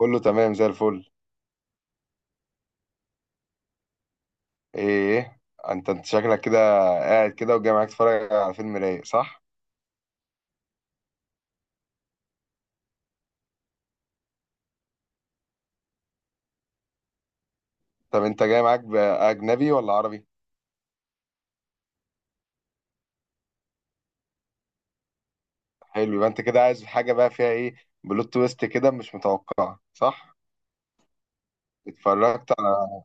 كله تمام زي الفل. ايه؟ انت شكلك كده، قاعد كده وجاي معاك تتفرج على فيلم رايق، صح؟ طب انت جاي معاك باجنبي ولا عربي؟ حلو، يبقى انت كده عايز حاجه بقى فيها ايه؟ بلوت تويست كده مش متوقعه، صح؟ اتفرجت على.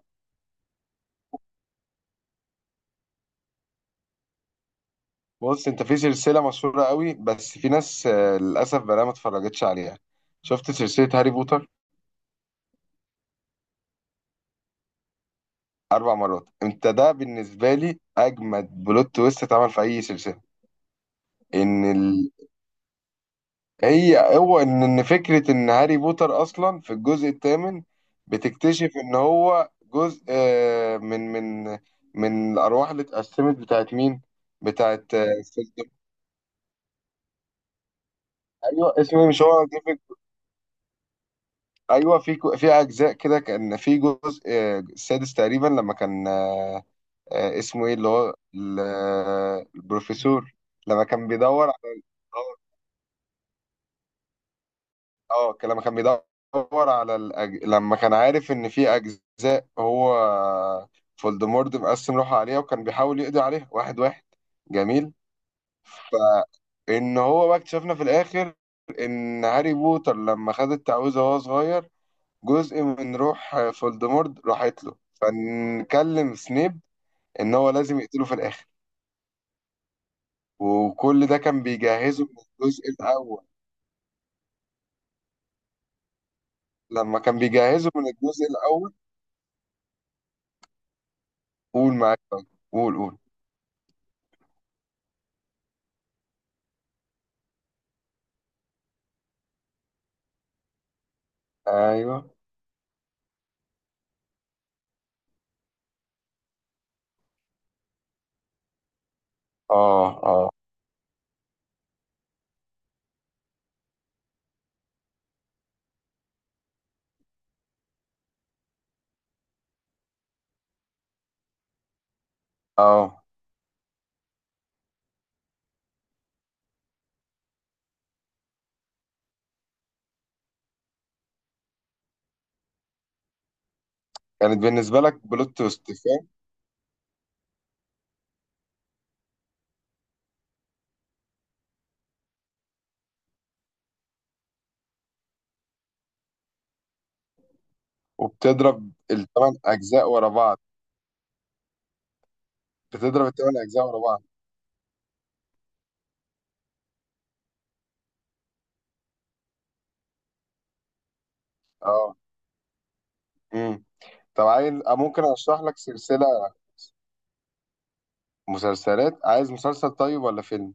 بص، انت في سلسله مشهوره قوي، بس في ناس للاسف بقى ما اتفرجتش عليها. شفت سلسله هاري بوتر؟ اربع مرات؟ انت ده بالنسبه لي اجمد بلوت تويست اتعمل في اي سلسله. ان ال... هي هو ان إن فكره ان هاري بوتر اصلا في الجزء الثامن بتكتشف ان هو جزء من من الارواح اللي اتقسمت بتاعت مين؟ بتاعت. ايوه، اسمه إيه؟ مش هو جيفك. ايوه، في اجزاء كده، كان في جزء السادس تقريبا لما كان اسمه ايه اللي هو البروفيسور لما كان بيدور على. اه كان لما كان بيدور على لما كان عارف ان في اجزاء هو فولدمورت مقسم روحه عليها، وكان بيحاول يقضي عليها واحد واحد. جميل. فان هو بقى اكتشفنا في الاخر ان هاري بوتر لما خد التعويذه وهو صغير، جزء من روح فولدمورت راحت له، فنكلم سنيب ان هو لازم يقتله في الاخر، وكل ده كان بيجهزه من الجزء الاول. لما كان بيجهزه من الجزء الاول، قول معاك. قول قول. ايوه. اه، اه، اه، كانت بالنسبة لك بلوت تويست، فاهم؟ وبتضرب الثمان أجزاء ورا بعض؟ بتضرب الثمان أجزاء ورا بعض. اه. امم طب عايز، ممكن أشرح لك سلسلة مسلسلات. عايز مسلسل طيب ولا فيلم؟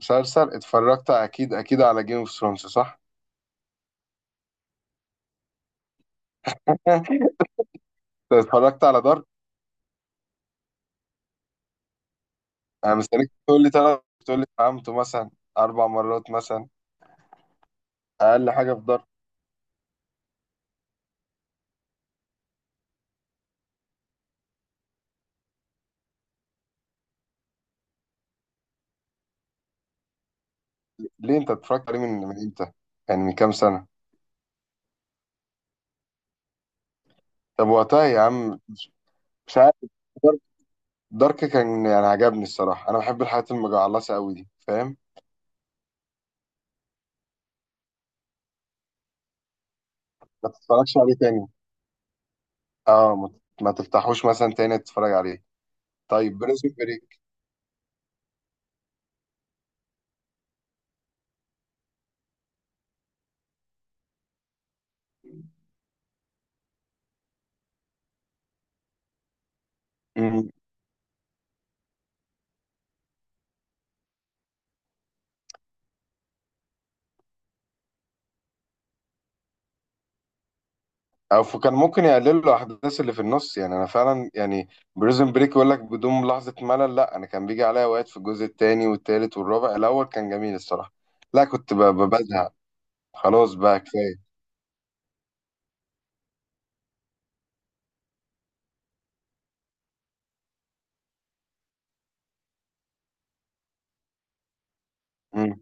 مسلسل؟ اتفرجت أكيد أكيد على جيم اوف ثرونز، صح؟ انت اتفرجت على دارك؟ انا مستنيك تقول لي تلات، تقول لي فهمته مثلا اربع مرات مثلا. اقل حاجه في دارك. ليه؟ انت اتفرجت عليه من امتى؟ يعني من كام سنه؟ طب وقتها يا عم. مش عارف. دارك كان يعني عجبني الصراحة، أنا بحب الحاجات المجعلصة أوي دي، فاهم؟ ما تتفرجش عليه تاني؟ اه، ما تفتحوش مثلا تاني تتفرج عليه؟ طيب بريزون بريك. او كان ممكن يقللوا الاحداث اللي في النص، يعني انا فعلا يعني بريزون بريك يقول لك بدون لحظة ملل. لا، انا كان بيجي عليا اوقات في الجزء التاني والتالت والرابع. الاول كان جميل الصراحة. لا، كنت بزهق. خلاص بقى كفاية. مم.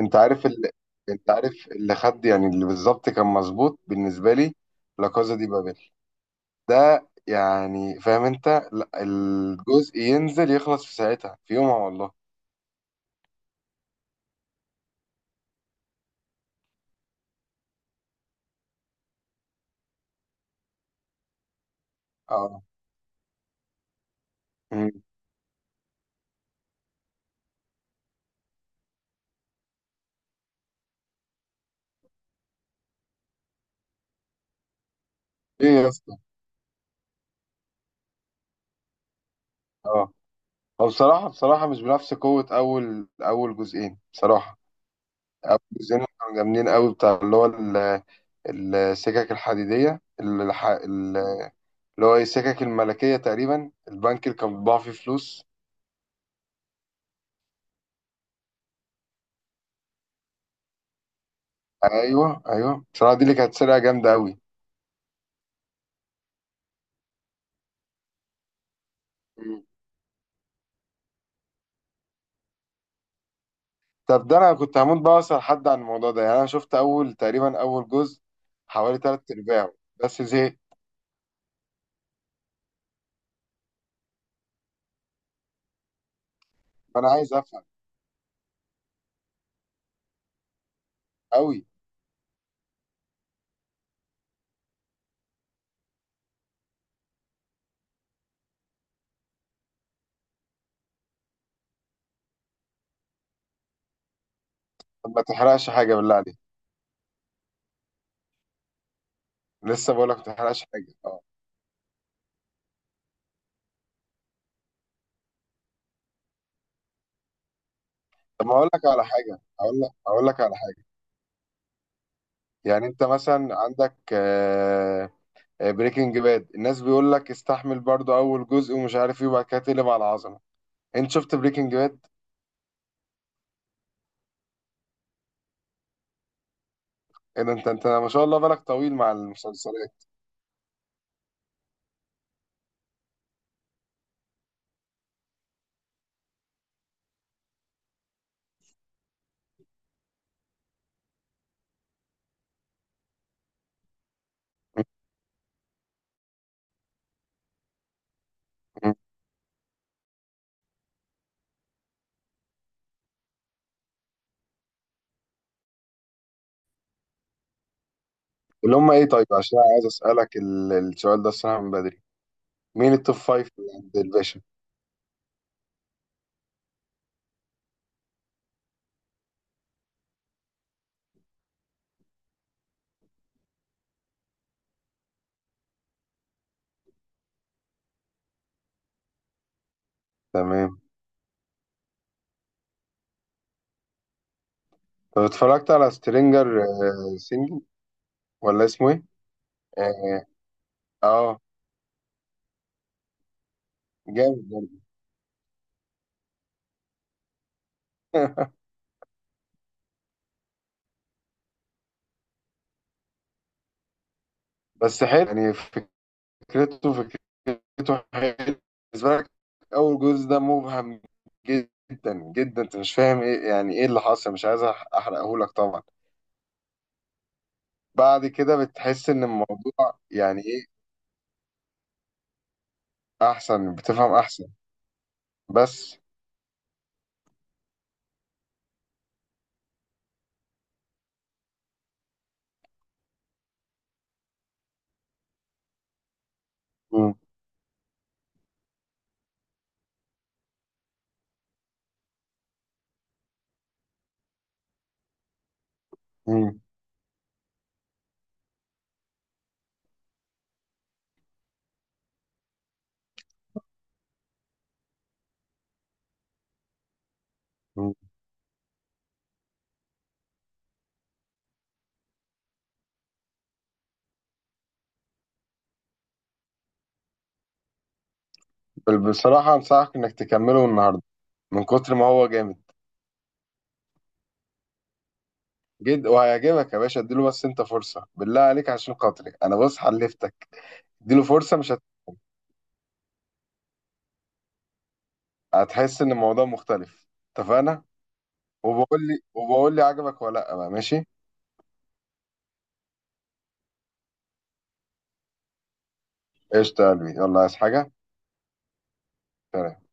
انت عارف اللي، انت عارف اللي خد، يعني اللي بالظبط كان مظبوط بالنسبة لي، لا كازا دي بابل. ده يعني فاهم انت؟ لا، الجزء ينزل يخلص في ساعتها في يومها، والله. اه. مم. ايه يا اسطى؟ اه، هو بصراحة بصراحة مش بنفس قوة أول أول جزئين بصراحة. أول جزئين كانوا جامدين قوي، بتاع اللي هو السكك الحديدية اللي هو إيه، السكك الملكية تقريبا، البنك اللي كان بيطبع فيه فلوس. أيوه، أيوه، بصراحة دي اللي كانت سرقة جامدة قوي. طب ده انا كنت هموت بقى اسال حد عن الموضوع ده، يعني انا شفت اول جزء، حوالي تلات ارباعه، بس زهقت. فانا عايز افهم قوي. طب ما تحرقش حاجه، بالله عليك. لسه بقول لك ما تحرقش حاجه، اه. طب ما اقول لك على حاجه، اقول لك على حاجه. يعني انت مثلا عندك بريكنج باد، الناس بيقول لك استحمل برضو اول جزء ومش عارف ايه وبعد كده تقلب على العظمه. انت شفت بريكنج باد؟ ايه ده، انت ما شاء الله بالك طويل مع المسلسلات. اللي هم ايه؟ طيب، عشان أنا عايز اسالك السؤال ده الصراحه من بدري. مين التوب فايف اللي عند الباشا؟ تمام. طب اتفرجت على سترينجر سينجل، ولا اسمه ايه؟ اه. آه، جامد برضه. بس حلو يعني، فكرته فكرته حلو بالنسبه لك. اول جزء ده مبهم جدا جدا، انت مش فاهم ايه، يعني ايه اللي حصل، مش عايز احرقه لك طبعا. بعد كده بتحس ان الموضوع يعني ايه، احسن بتفهم احسن. بس. مم. مم. بصراحة أنصحك إنك تكمله النهاردة، من كتر ما هو جامد جد وهيعجبك يا باشا. اديله بس أنت فرصة بالله عليك عشان خاطري أنا، بص حلفتك. اديله فرصة، مش هت... هتحس إن الموضوع مختلف. اتفقنا؟ وبقول لي عجبك ولا لأ بقى، ماشي؟ قشطة يا قلبي، يلا عايز حاجة؟ سلام.